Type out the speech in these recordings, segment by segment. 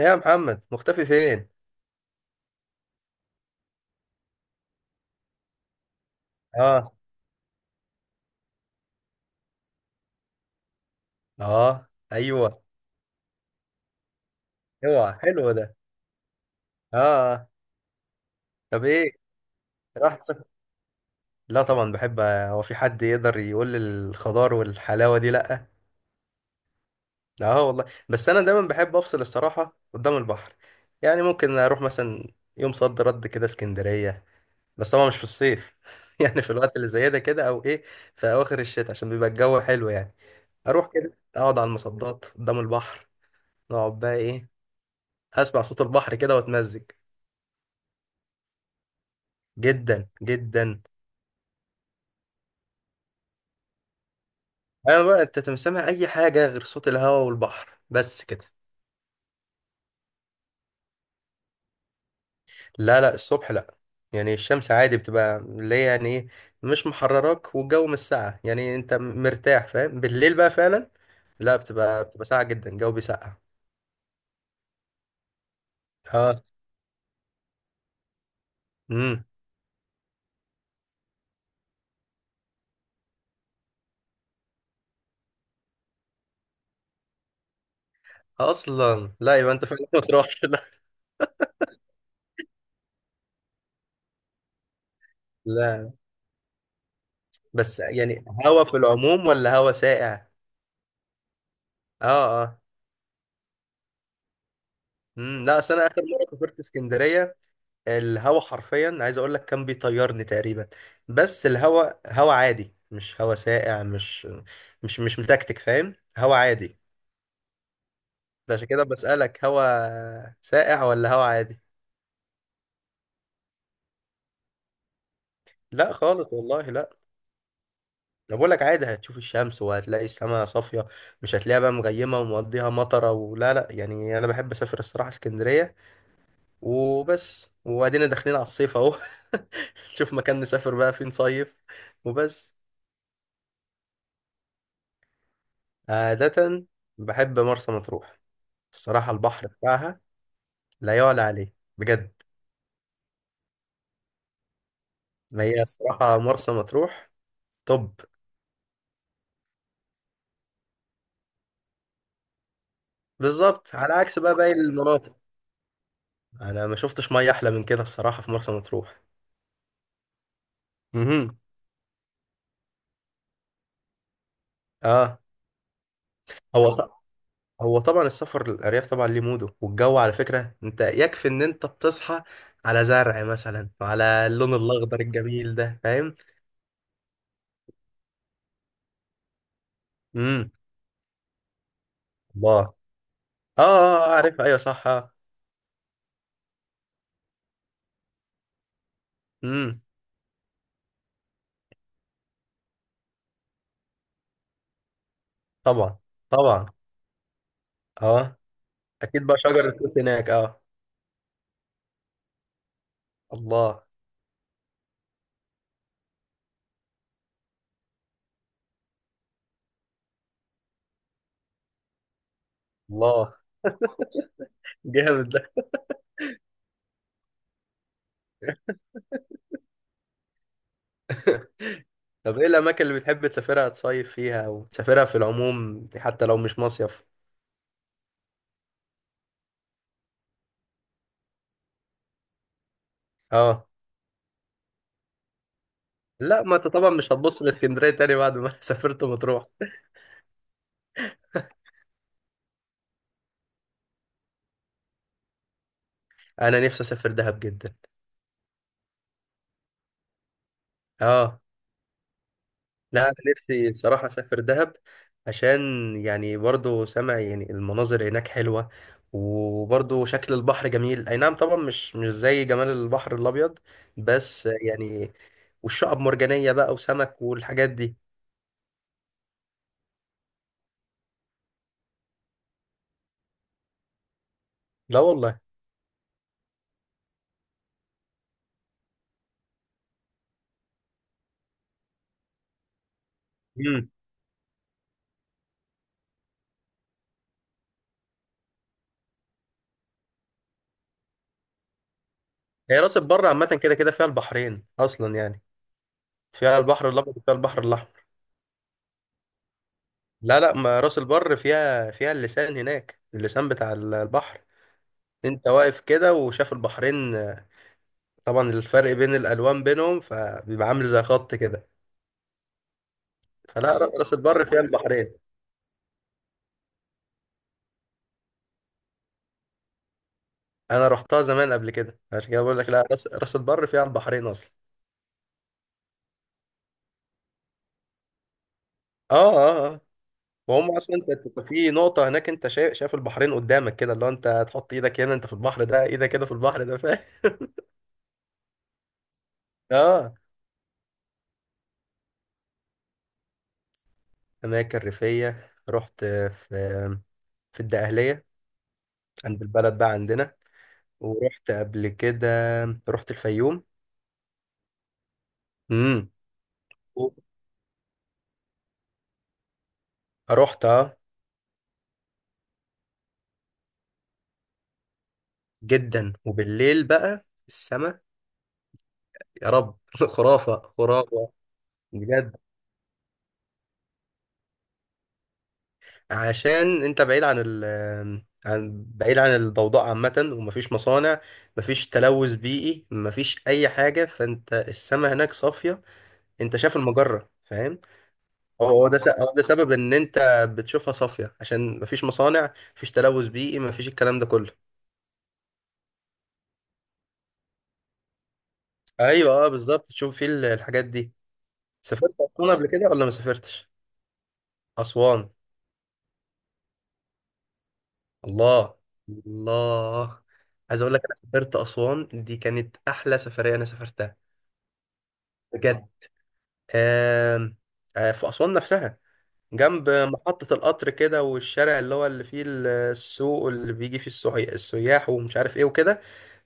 إيه يا محمد مختفي فين؟ اه. اه، ايوه. اوعى حلو ده. اه آه. طب ايه؟ راح تسافر. لا طبعا بحب، هو في حد يقدر يقول لي الخضار والحلاوه دي لا. لا اه والله، بس انا دايما بحب افصل الصراحه قدام البحر. يعني ممكن اروح مثلا يوم صد رد كده اسكندريه. بس طبعا مش في الصيف يعني في الوقت اللي زي ده كده او ايه، في اواخر الشتاء عشان بيبقى الجو حلو يعني. اروح كده اقعد على المصدات قدام البحر، نقعد بقى ايه، اسمع صوت البحر كده واتمزج. جدا جدا. انا بقى انت تسمع اي حاجه غير صوت الهواء والبحر بس كده. لا لا، الصبح لا. يعني الشمس عادي بتبقى اللي هي يعني ايه، مش محرراك والجو مش ساقع، يعني انت مرتاح فاهم. بالليل بقى فعلا لا، بتبقى ساقعه جدا، الجو بيسقع. اه. امم. اصلا لا، يبقى انت فعلا ما تروحش. لا لا، بس يعني هوا في العموم ولا هوا ساقع؟ اه اه. امم. لا اصل انا اخر مره سافرت اسكندريه، الهوا حرفيا عايز اقول لك كان بيطيرني تقريبا، بس الهوا هوا عادي، مش هوا ساقع، مش متكتك، فاهم، هوا عادي. ده عشان كده بسألك، هوا ساقع ولا هوا عادي؟ لا خالص والله لا. انا بقول لك عادي، هتشوف الشمس وهتلاقي السماء صافية، مش هتلاقيها بقى مغيمة ومقضيها مطرة ولا لا يعني. انا بحب اسافر الصراحة اسكندرية وبس. وبعدين داخلين على الصيف اهو نشوف مكان نسافر بقى فين صيف وبس. عادة بحب مرسى مطروح، الصراحة البحر بتاعها لا يعلى عليه بجد. ما هي الصراحة مرسى مطروح. طب. بالظبط، على عكس بقى باقي المناطق. أنا ما شفتش مية أحلى من كده الصراحة في مرسى مطروح. امم. اه. هو ط- هو طبعا السفر للأرياف طبعا ليه موده، والجو على فكرة، أنت يكفي إن أنت بتصحى على زرع مثلا وعلى اللون الأخضر الجميل ده، فاهم. امم. الله. اه. اه آه، عارف، أيوه صح. امم. طبعا. طبعا. اه. اكيد بقى شجر التوت هناك اه. الله. الله جامد ده. طب ايه الاماكن اللي بتحب تسافرها تصيف فيها او تسافرها في العموم حتى لو مش مصيف؟ اه. لا، ما انت طبعا مش هتبص لاسكندريه تاني بعد ما سافرت مطروح. انا نفسي اسافر دهب جدا. اه. لا أنا نفسي بصراحة أسافر دهب عشان، يعني برضو سامع يعني المناظر هناك حلوة، وبرضو شكل البحر جميل، أي نعم طبعا مش زي جمال البحر الأبيض بس يعني، والشعب مرجانية بقى وسمك والحاجات دي. لا والله. امم. هي راس البر عامة كده كده فيها البحرين أصلا يعني، فيها البحر الأبيض وفيها البحر الأحمر. لا لا، ما راس البر فيها اللسان هناك، اللسان بتاع البحر. أنت واقف كده وشاف البحرين، طبعا الفرق بين الالوان بينهم فبيبقى عامل زي خط كده. فلا راس البر فيها البحرين. انا رحتها زمان قبل كده عشان كده بقول لك، لا، راس البر فيها البحرين اصلا. اه اه اه. وهم اصلا انت في نقطه هناك، انت شايف البحرين قدامك كده، اللي هو انت هتحط ايدك هنا انت في البحر ده، ايدك هنا في البحر ده، فاهم اه. اماكن ريفيه؟ رحت في، في الدقهليه عند البلد بقى عندنا، ورحت قبل كده، رحت الفيوم. امم. رحت اه. جدا. وبالليل بقى السماء يا رب خرافة خرافة. بجد، عشان انت بعيد عن ال، عن، بعيد عن الضوضاء عامة، ومفيش مصانع، مفيش تلوث بيئي، مفيش أي حاجة، فانت السماء هناك صافية، انت شايف المجرة، فاهم. هو ده سبب ان انت بتشوفها صافية، عشان مفيش مصانع، مفيش تلوث بيئي، مفيش الكلام ده كله. ايوه اه بالظبط تشوف فيه الحاجات دي. سافرت أسوان قبل كده ولا ما سافرتش؟ أسوان. الله. الله، عايز اقول لك انا سافرت اسوان دي كانت احلى سفريه انا سافرتها. بجد. آم، في اسوان نفسها، جنب محطه القطر كده، والشارع اللي هو اللي فيه السوق اللي بيجي فيه السياح ومش عارف ايه وكده.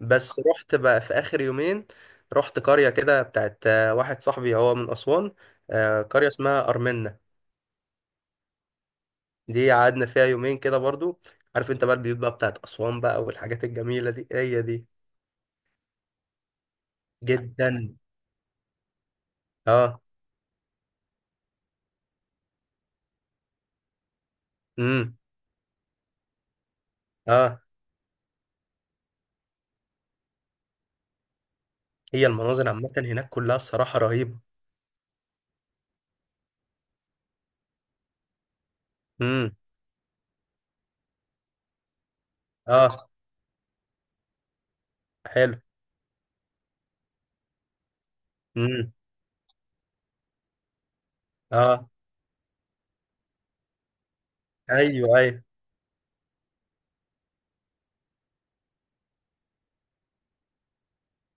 بس رحت بقى في اخر يومين، رحت قريه كده بتاعت واحد صاحبي، هو من اسوان. قريه اسمها ارمنة، دي قعدنا فيها يومين كده برضو. عارف انت بقى البيوت بقى بتاعت اسوان بقى والحاجات الجميله دي، هي دي. جدا. اه. امم. اه. هي المناظر عامة هناك كلها الصراحة رهيبة. امم. اه حلو. امم. اه. ايوه ايوه.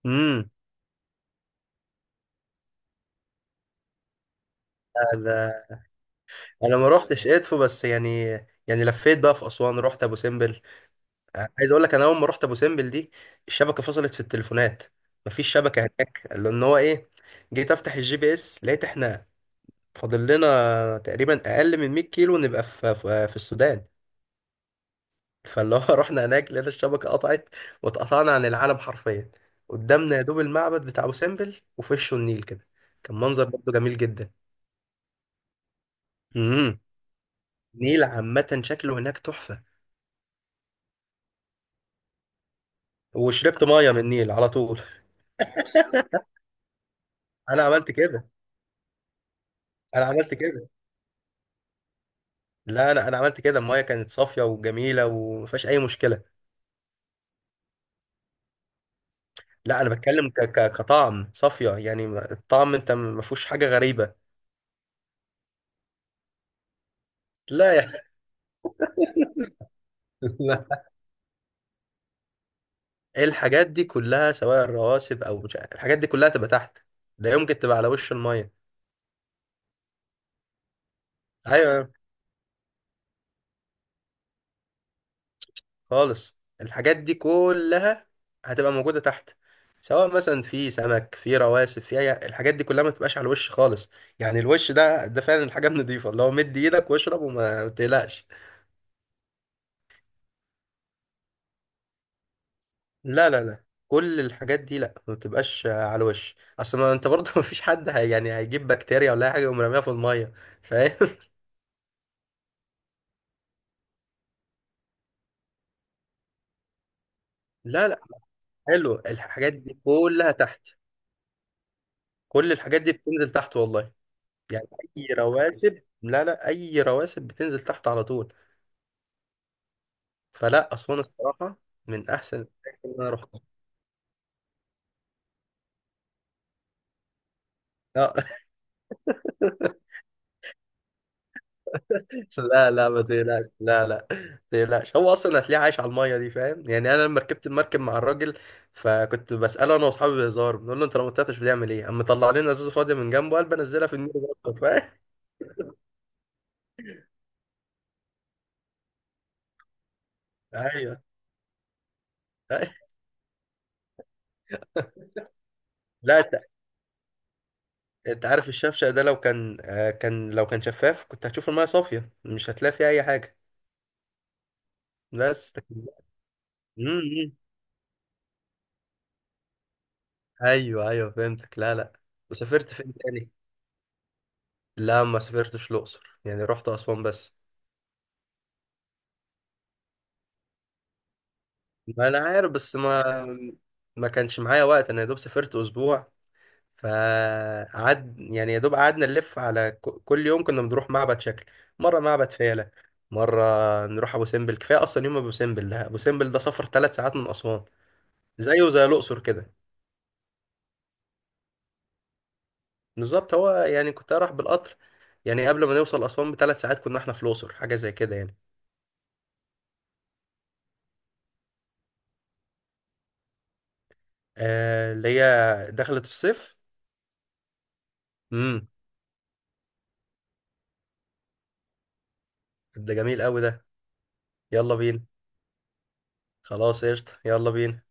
امم. انا انا ما روحتش ادفو بس يعني، يعني لفيت بقى في اسوان رحت ابو سمبل. عايز اقول لك انا اول ما رحت ابو سمبل دي الشبكة فصلت في التليفونات، مفيش شبكة هناك لان هو ايه، جيت افتح الجي بي اس لقيت احنا فاضل لنا تقريبا اقل من 100 كيلو نبقى في السودان. فاللي هو رحنا هناك لقينا الشبكة قطعت، واتقطعنا عن العالم حرفيا. قدامنا يا دوب المعبد بتاع أبو سمبل، وفي وشه النيل كده، كان منظر برضه جميل جدا. امم. النيل عامة شكله هناك تحفة. وشربت مية من النيل على طول أنا عملت كده. أنا عملت كده. لا، أنا عملت كده، المية كانت صافية وجميلة وما فيهاش أي مشكلة. لا أنا بتكلم ك ك كطعم صافية يعني الطعم، أنت ما فيهوش حاجة غريبة. لا يعني الحاجات دي كلها سواء الرواسب او مش عارف، الحاجات دي كلها تبقى تحت، لا يمكن تبقى على وش الميه. ايوه خالص، الحاجات دي كلها هتبقى موجوده تحت، سواء مثلا في سمك في رواسب الحاجات دي كلها ما تبقاش على الوش خالص. يعني الوش ده فعلا الحاجه النضيفه، اللي هو مد ايدك واشرب وما تقلقش. لا لا لا، كل الحاجات دي لا، ما بتبقاش على الوش، اصل ما انت برضه ما فيش حد هي يعني هيجيب بكتيريا ولا أي حاجه ويقوم راميها في الميه، فاهم لا لا. حلو الحاجات دي كلها تحت، كل الحاجات دي بتنزل تحت والله. يعني اي رواسب، لا لا، اي رواسب بتنزل تحت على طول. فلا اسوان الصراحه من احسن الاماكن اللي انا رحتها. لا لا لا ما تقلقش، لا لا ما تقلقش، هو اصلا هتلاقيه عايش على الميه دي، فاهم، يعني انا لما ركبت المركب مع الراجل فكنت بساله انا واصحابي بهزار، بنقول له انت لو ما طلعتش بتعمل ايه؟ قام مطلع لنا ازازه فاضيه من جنبه، قال بنزلها في النيل، برضه، فاهم ايوه. أيوة. لا، انت عارف الشفشق ده لو كان شفاف كنت هتشوف المية صافية، مش هتلاقي فيها أي حاجة. بس. امم. أيوه أيوه فهمتك، لا لا. وسافرت فين تاني؟ لا ما سافرتش الأقصر، يعني رحت أسوان بس. ما أنا عارف بس ما، ما كانش معايا وقت، أنا يا دوب سافرت أسبوع، فقعد يعني، يا دوب قعدنا نلف على كل يوم كنا بنروح معبد شكل. مرة معبد فيلة، مرة نروح أبو سمبل، كفاية أصلا يوم. أبو سمبل ده، أبو سمبل ده سفر 3 ساعات من أسوان، زيه زي الأقصر كده. بالظبط. هو يعني كنت أروح بالقطر، يعني قبل ما نوصل أسوان ب3 ساعات كنا إحنا في الأقصر، حاجة زي كده يعني. آه اللي هي، دخلت الصيف. امم. ده جميل قوي ده. يلا بينا. خلاص قشطة يلا بينا.